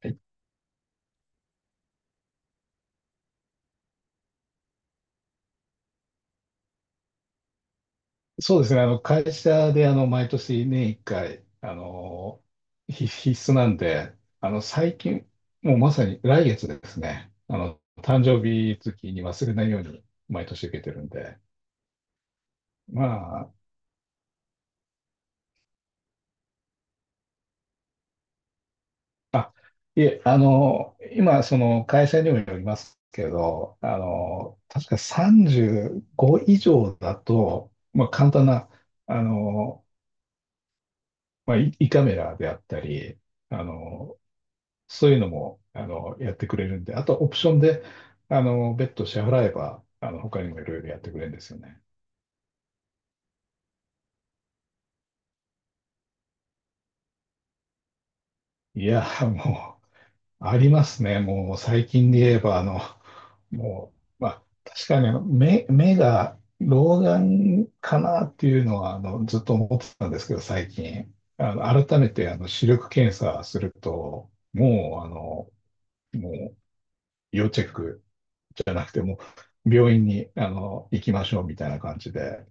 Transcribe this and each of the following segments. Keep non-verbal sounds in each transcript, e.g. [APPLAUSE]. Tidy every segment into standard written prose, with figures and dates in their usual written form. はい。そうですね。会社で、毎年年1回、必須なんで、最近、もうまさに来月ですね。誕生日月に忘れないように毎年受けてるんで。まあ、あ、いえ、今、その、会社にもよりますけど、確か35以上だと、まあ、簡単な、あの、まあ、胃カメラであったり、あの、そういうのも、やってくれるんで、あとオプションで、別途支払えば、他にもいろいろやってくれるんですよね。いや、もう、ありますね。もう、最近で言えば、もう、まあ、確かに目が老眼かなっていうのは、ずっと思ってたんですけど、最近。改めて、視力検査すると、もう、要チェックじゃなくて、もう、病院に、行きましょうみたいな感じで、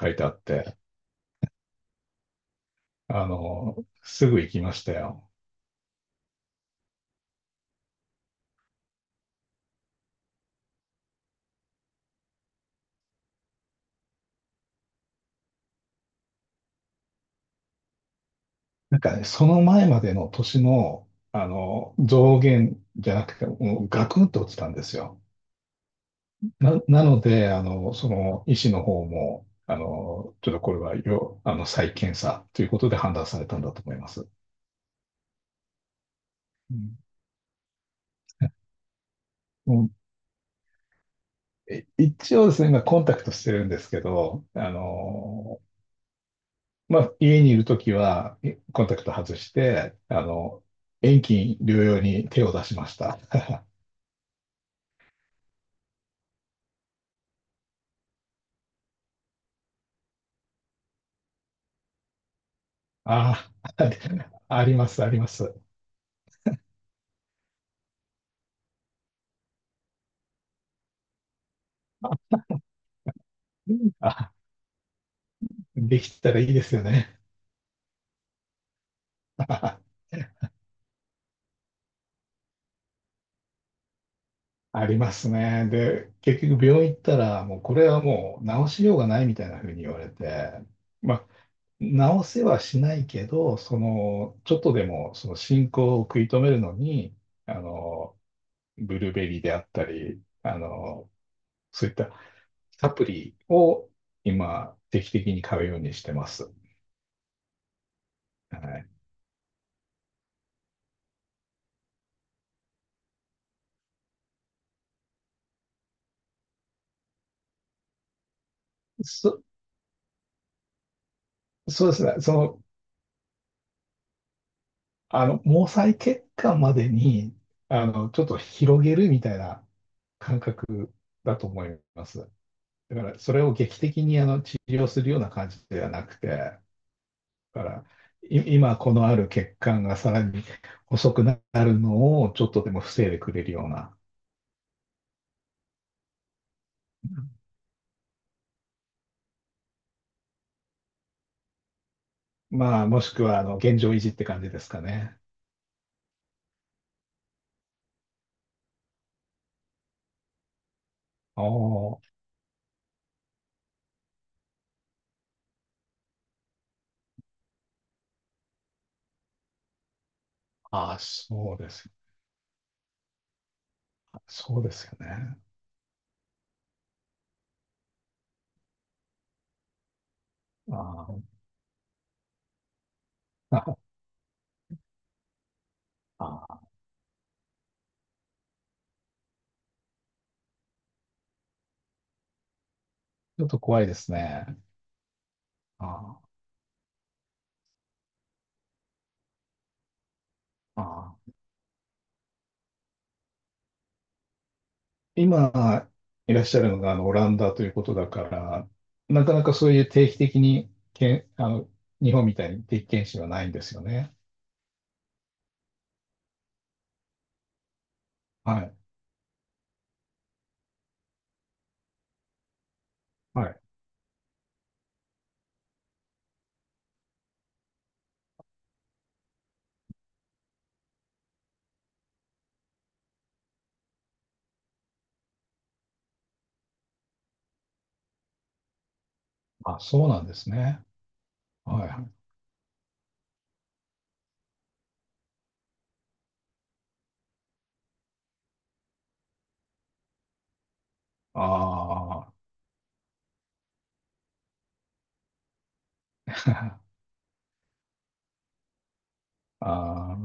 書いてあって、あの、すぐ行きましたよ。なんかね、その前までの年の、増減じゃなくて、もうガクンと落ちたんですよ。なので、その医師の方も、ちょっとこれはよ、あの、再検査ということで判断されたんだと思います。うんもうえ一応ですね、今コンタクトしてるんですけど、まあ、家にいるときは、コンタクト外して、遠近療養に手を出しました。[LAUGHS] ああ、[LAUGHS] あります、あります。あ、できたらいいですよね。[LAUGHS] ありますね。で、結局病院行ったら、もうこれはもう治しようがないみたいな風に言われて、まあ、治せはしないけど、その、ちょっとでもその進行を食い止めるのに、あの、ブルーベリーであったり、そういったサプリを今、定期的に買うようにしてます。はい。そ、そうですね。毛細血管までに、ちょっと広げるみたいな感覚だと思います。だから、それを劇的に治療するような感じではなくて、だから、今このある血管がさらに細くなるのをちょっとでも防いでくれるような、まあ、もしくは現状維持って感じですかね。おー。あー、そうです。そうですよね。あー。あ [LAUGHS] ちょっと怖いですね。あー、あー。今いらっしゃるのがあのオランダということだから、なかなかそういう定期的にけん、あの、日本みたいに定期検診はないんですよね。はい。はい。あ、そうなんですね。はいはい。ああ。[LAUGHS] あ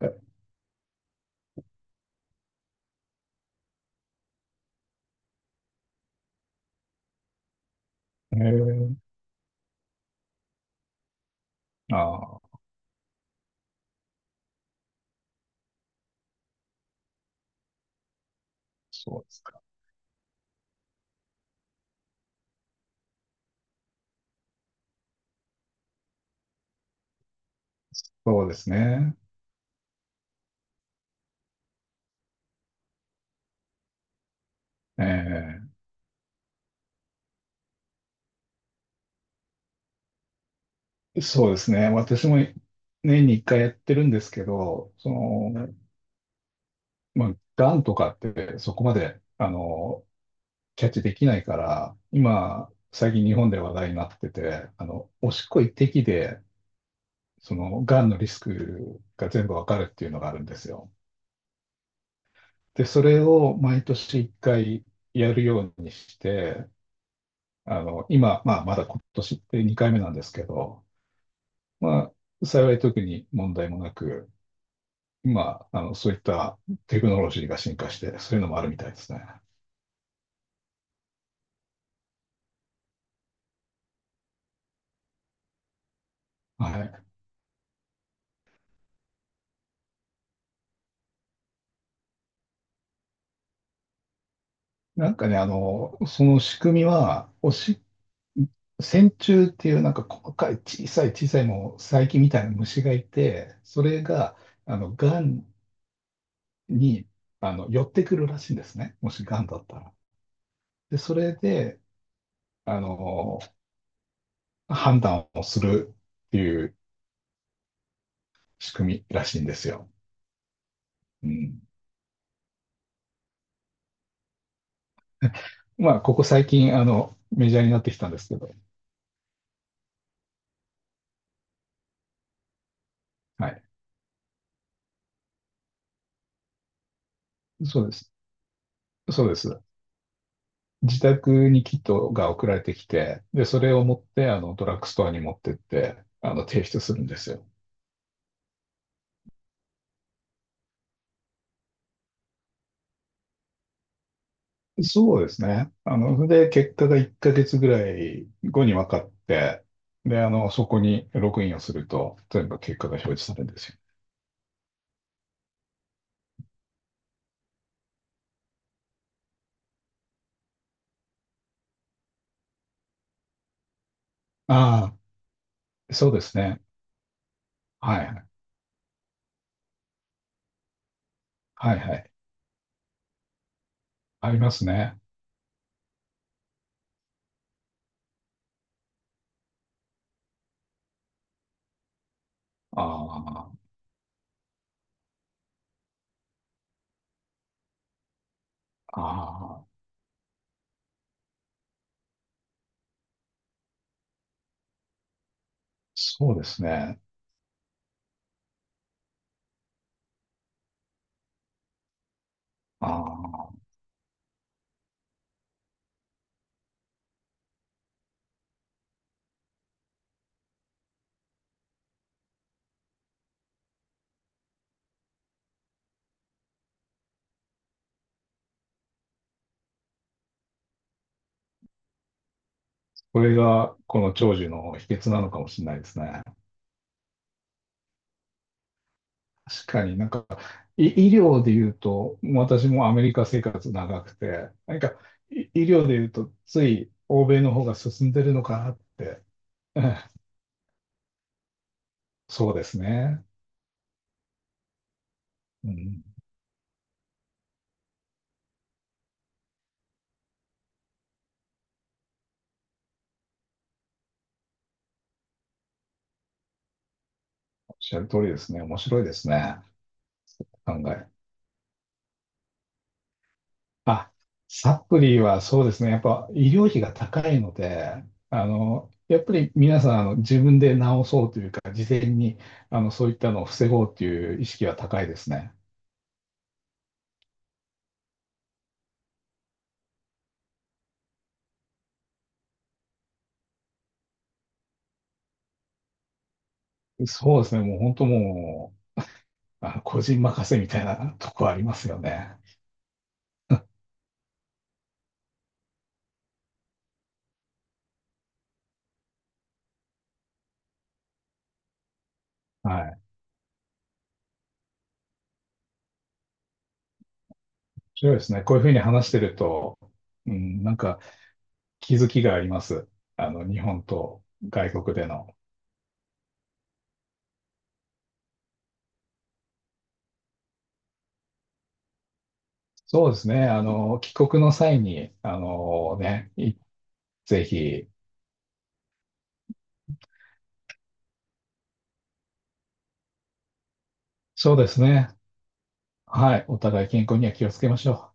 あ。えー、ああ、そうですか。そうですね。ええ、そうですね。私も年に一回やってるんですけど、その、まあ、がんとかってそこまで、キャッチできないから、今、最近日本で話題になってて、おしっこ一滴で、その、がんのリスクが全部わかるっていうのがあるんですよ。で、それを毎年一回やるようにして、今、まあ、まだ今年で2回目なんですけど、まあ、幸い特に問題もなく、今、そういったテクノロジーが進化して、そういうのもあるみたいですね。はい。なんかね、その仕組みは、おしっ線虫っていうなんか細かい小さい小さいもう細菌みたいな虫がいて、それが、がんに、寄ってくるらしいんですね。もしがんだったら。で、それで、あの、判断をするっていう仕組みらしいんですよ。うん。まあ、ここ最近、メジャーになってきたんですけど、はい。そうです。そうです。自宅にキットが送られてきて、で、それを持って、ドラッグストアに持ってって、提出するんですよ。そうですね。それで、結果が1ヶ月ぐらい後に分かって、で、そこにログインをすると、全部結果が表示されるんですよ。ああ、そうですね。はいはい。はいはい。ありますね。ああ、ああ、そうですね。ああ、これがこの長寿の秘訣なのかもしれないですね。確かになんか、医療で言うと、私もアメリカ生活長くて、なんか、医療で言うと、つい欧米の方が進んでるのかなって、[LAUGHS] ええ、そうですね。うん、おっしゃる通りですね。面白いですね。考え。あ、サプリはそうですね。やっぱ医療費が高いので、やっぱり皆さん、自分で治そうというか、事前に、そういったのを防ごうという意識は高いですね。そうですね。もう本当もう、個人任せみたいなとこありますよね。はい。面白いですね。こういうふうに話してると、うん、なんか気づきがあります。日本と外国での。そうですね。帰国の際に、ぜひ、そうですね。はい。お互い健康には気をつけましょう。